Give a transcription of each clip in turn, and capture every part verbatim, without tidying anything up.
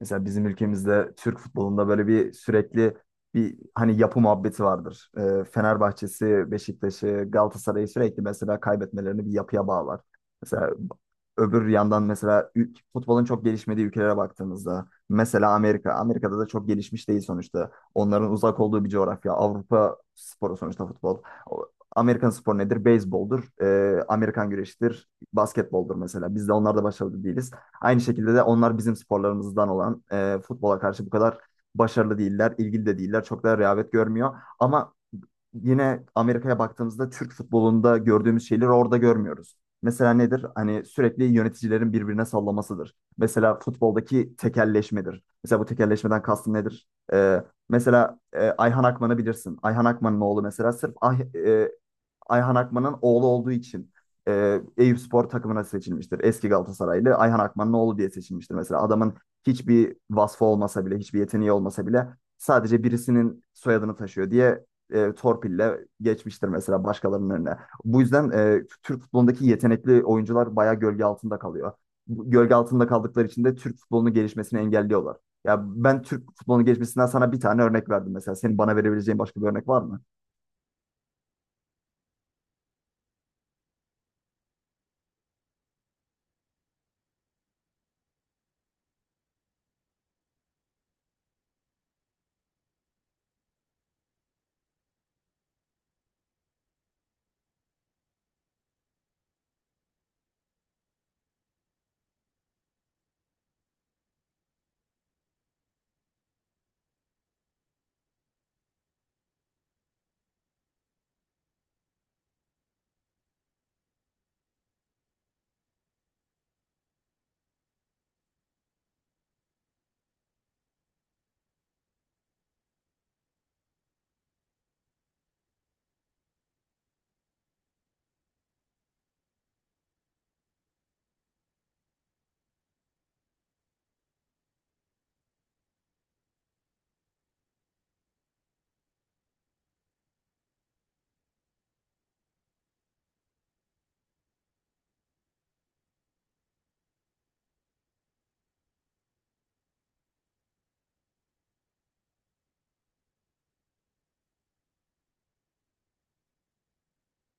Mesela bizim ülkemizde Türk futbolunda böyle bir sürekli bir hani yapı muhabbeti vardır. Ee, Fenerbahçe'si, Beşiktaş'ı, Galatasaray'ı sürekli mesela kaybetmelerini bir yapıya bağlar. Mesela öbür yandan mesela ül- futbolun çok gelişmediği ülkelere baktığımızda mesela Amerika. Amerika'da da çok gelişmiş değil sonuçta. Onların uzak olduğu bir coğrafya. Avrupa sporu sonuçta futbol. O- Amerikan sporu nedir? Beyzboldur. Ee, Amerikan güreşidir. Basketboldur mesela. Biz de onlarda başarılı değiliz. Aynı şekilde de onlar bizim sporlarımızdan olan e, futbola karşı bu kadar başarılı değiller, ilgili de değiller. Çok da rehavet görmüyor. Ama yine Amerika'ya baktığımızda Türk futbolunda gördüğümüz şeyleri orada görmüyoruz. Mesela nedir? Hani sürekli yöneticilerin birbirine sallamasıdır. Mesela futboldaki tekelleşmedir. Mesela bu tekelleşmeden kastım nedir? Ee, mesela e, Ayhan Akman'ı bilirsin. Ayhan Akman'ın oğlu mesela sırf ah, e, Ayhan Akman'ın oğlu olduğu için e, Eyüpspor takımına seçilmiştir. Eski Galatasaraylı Ayhan Akman'ın oğlu diye seçilmiştir. Mesela adamın hiçbir vasfı olmasa bile, hiçbir yeteneği olmasa bile sadece birisinin soyadını taşıyor diye e, torpille geçmiştir mesela başkalarının önüne. Bu yüzden e, Türk futbolundaki yetenekli oyuncular bayağı gölge altında kalıyor. Gölge altında kaldıkları için de Türk futbolunun gelişmesini engelliyorlar. Ya ben Türk futbolunun gelişmesinden sana bir tane örnek verdim mesela. Senin bana verebileceğin başka bir örnek var mı?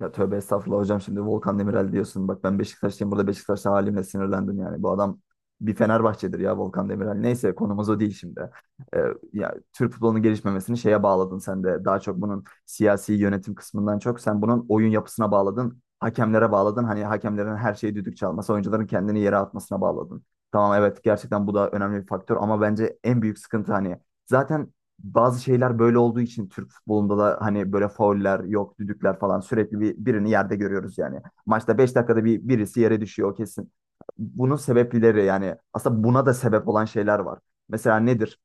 Ya tövbe estağfurullah hocam şimdi Volkan Demirel diyorsun. Bak ben Beşiktaşlıyım, burada Beşiktaşlı halimle sinirlendim yani. Bu adam bir Fenerbahçe'dir ya, Volkan Demirel. Neyse, konumuz o değil şimdi. Ee, ya Türk futbolunun gelişmemesini şeye bağladın sen de. Daha çok bunun siyasi yönetim kısmından çok sen bunun oyun yapısına bağladın. Hakemlere bağladın. Hani hakemlerin her şeyi düdük çalması, oyuncuların kendini yere atmasına bağladın. Tamam, evet, gerçekten bu da önemli bir faktör, ama bence en büyük sıkıntı hani zaten bazı şeyler böyle olduğu için Türk futbolunda da hani böyle fauller yok, düdükler falan sürekli bir, birini yerde görüyoruz yani. Maçta beş dakikada bir birisi yere düşüyor kesin. Bunun sebepleri yani aslında buna da sebep olan şeyler var. Mesela nedir?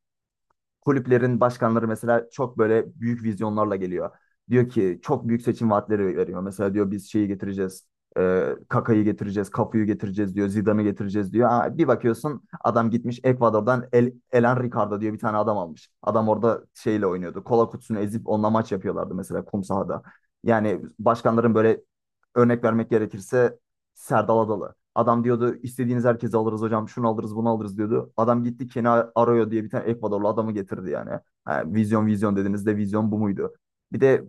Kulüplerin başkanları mesela çok böyle büyük vizyonlarla geliyor. Diyor ki çok büyük seçim vaatleri veriyor. Mesela diyor biz şeyi getireceğiz. E, Kaka'yı getireceğiz, Kafu'yu getireceğiz diyor, Zidane'ı getireceğiz diyor. Aa, bir bakıyorsun adam gitmiş Ekvador'dan El, Elan Ricardo diye bir tane adam almış. Adam orada şeyle oynuyordu. Kola kutusunu ezip onunla maç yapıyorlardı mesela, kum sahada. Yani başkanların böyle, örnek vermek gerekirse, Serdal Adalı. Adam diyordu istediğiniz herkesi alırız hocam, şunu alırız bunu alırız diyordu. Adam gitti Kenny Arroyo diye bir tane Ekvadorlu adamı getirdi yani. Ha, vizyon vizyon dediniz de, vizyon bu muydu? Bir de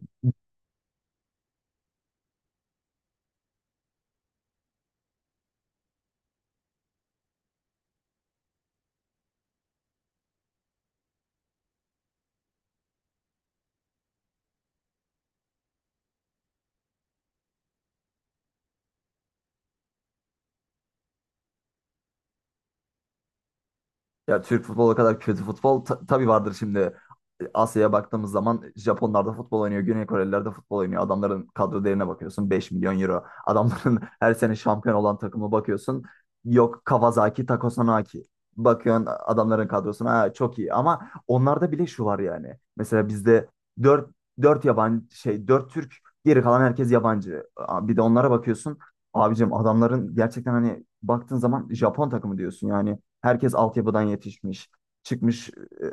ya, Türk futbolu kadar kötü futbol ta- tabii vardır şimdi. Asya'ya baktığımız zaman Japonlar da futbol oynuyor, Güney Koreliler de futbol oynuyor. Adamların kadro değerine bakıyorsun beş milyon euro. Adamların her sene şampiyon olan takımı bakıyorsun. Yok Kawasaki, Takasaki. Bakıyorsun adamların kadrosuna, ha, çok iyi, ama onlarda bile şu var yani. Mesela bizde dört dört yabancı şey dört Türk, geri kalan herkes yabancı. Aa, Bir de onlara bakıyorsun. Abicim adamların gerçekten hani baktığın zaman Japon takımı diyorsun. Yani herkes altyapıdan yetişmiş. Çıkmış, e,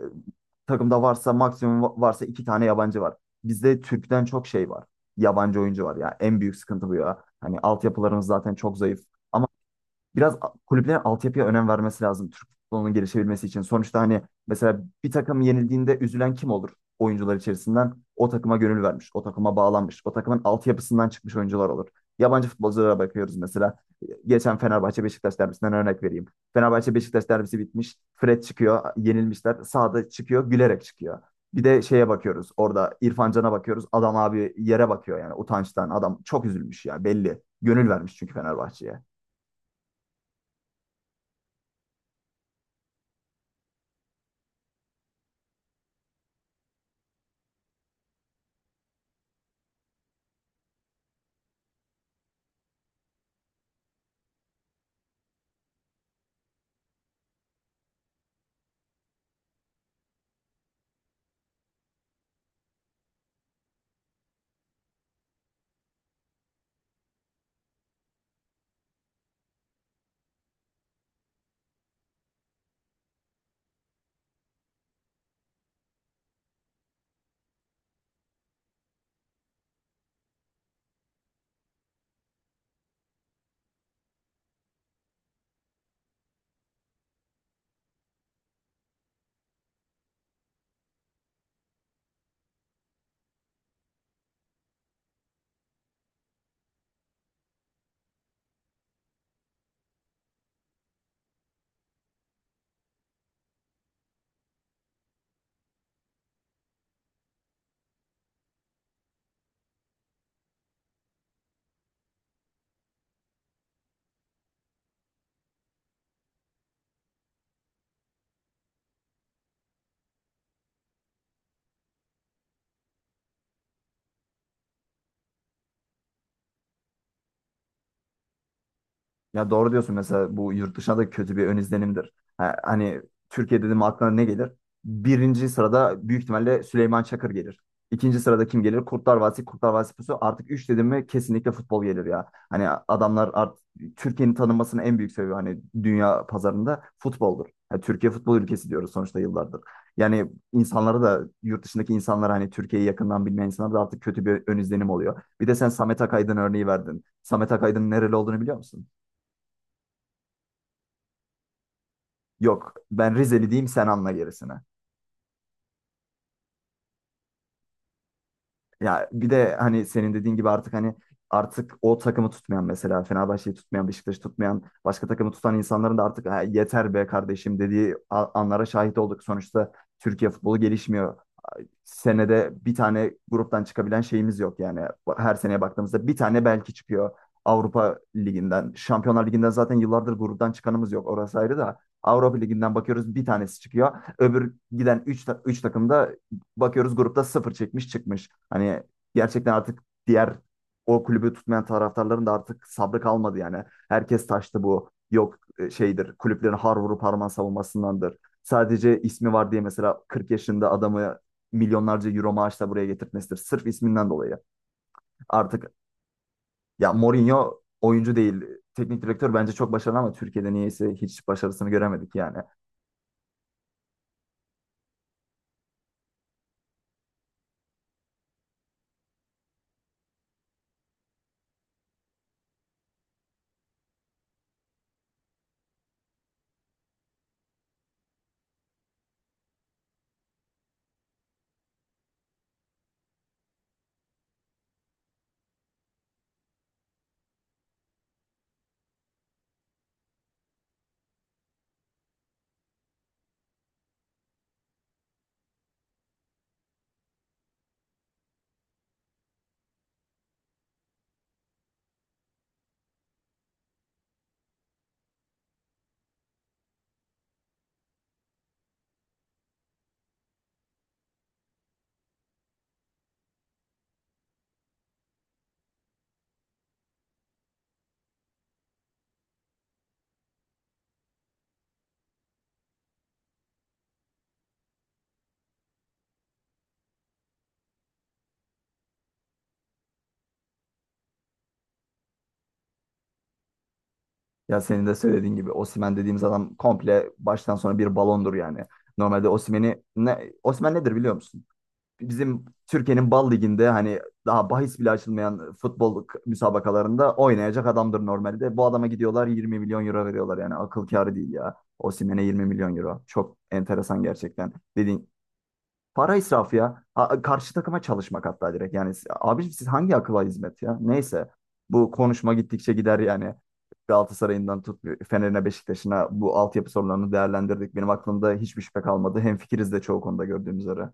takımda varsa maksimum va- varsa iki tane yabancı var. Bizde Türk'ten çok şey var. Yabancı oyuncu var ya. En büyük sıkıntı bu ya. Hani altyapılarımız zaten çok zayıf. Ama biraz a- kulüplerin altyapıya önem vermesi lazım Türk futbolunun gelişebilmesi için. Sonuçta hani mesela bir takım yenildiğinde üzülen kim olur oyuncular içerisinden? O takıma gönül vermiş, o takıma bağlanmış, o takımın altyapısından çıkmış oyuncular olur. Yabancı futbolculara bakıyoruz mesela. Geçen Fenerbahçe Beşiktaş derbisinden örnek vereyim. Fenerbahçe Beşiktaş derbisi bitmiş. Fred çıkıyor, yenilmişler. Sağda çıkıyor, gülerek çıkıyor. Bir de şeye bakıyoruz. Orada İrfan Can'a bakıyoruz. Adam, abi, yere bakıyor yani utançtan. Adam çok üzülmüş ya, belli. Gönül vermiş çünkü Fenerbahçe'ye. Ya doğru diyorsun, mesela bu yurt dışına da kötü bir ön izlenimdir. Ha, hani Türkiye dedim aklına ne gelir? Birinci sırada büyük ihtimalle Süleyman Çakır gelir. İkinci sırada kim gelir? Kurtlar Vadisi, Kurtlar Vadisi Pusu. Artık üç dedim mi kesinlikle futbol gelir ya. Hani adamlar artık Türkiye'nin tanınmasının en büyük sebebi hani dünya pazarında futboldur. Yani Türkiye futbol ülkesi diyoruz sonuçta yıllardır. Yani insanlara da, yurt dışındaki insanlara, hani Türkiye'yi yakından bilmeyen insanlara da artık kötü bir ön izlenim oluyor. Bir de sen Samet Akaydın örneği verdin. Samet Akaydın nereli olduğunu biliyor musun? Yok, ben Rizeli diyeyim, sen anla gerisini. Ya bir de hani senin dediğin gibi artık hani artık o takımı tutmayan, mesela Fenerbahçe'yi tutmayan, Beşiktaş'ı tutmayan, başka takımı tutan insanların da artık "Ha, yeter be kardeşim" dediği a- anlara şahit olduk. Sonuçta Türkiye futbolu gelişmiyor. Senede bir tane gruptan çıkabilen şeyimiz yok yani. Her seneye baktığımızda bir tane belki çıkıyor Avrupa Ligi'nden. Şampiyonlar Ligi'nden zaten yıllardır gruptan çıkanımız yok. Orası ayrı da Avrupa Ligi'nden bakıyoruz bir tanesi çıkıyor. Öbür giden üç üç takımda bakıyoruz grupta sıfır çekmiş çıkmış. Hani gerçekten artık diğer, o kulübü tutmayan taraftarların da artık sabrı kalmadı yani. Herkes taştı bu. Yok, e, şeydir, kulüplerin har vurup harman savunmasındandır, sadece ismi var diye mesela kırk yaşında adamı milyonlarca euro maaşla buraya getirtmesidir. Sırf isminden dolayı. Artık ya, Mourinho oyuncu değil, teknik direktör bence çok başarılı, ama Türkiye'de niyeyse hiç başarısını göremedik yani. Ya senin de söylediğin gibi, Osimhen dediğimiz adam komple baştan sona bir balondur yani. Normalde Osimhen'i ne, Osimhen nedir biliyor musun? Bizim Türkiye'nin Bal Ligi'nde hani daha bahis bile açılmayan futbol k- müsabakalarında oynayacak adamdır normalde. Bu adama gidiyorlar yirmi milyon euro veriyorlar yani, akıl kârı değil ya. Osimhen'e yirmi milyon euro. Çok enteresan gerçekten. Dediğin, para israfı ya. Ha, karşı takıma çalışmak hatta direkt. Yani s- abiciğim siz hangi akıla hizmet ya? Neyse, bu konuşma gittikçe gider yani. Galatasaray'ından tut Fener'ine Beşiktaş'ına bu altyapı sorunlarını değerlendirdik. Benim aklımda hiçbir şüphe kalmadı. Hemfikiriz de çoğu konuda gördüğümüz üzere.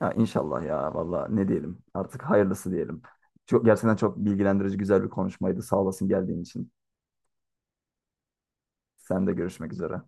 Ya inşallah ya, valla ne diyelim, artık hayırlısı diyelim. Çok, gerçekten çok bilgilendirici güzel bir konuşmaydı. Sağ olasın geldiğin için. Sen de görüşmek üzere.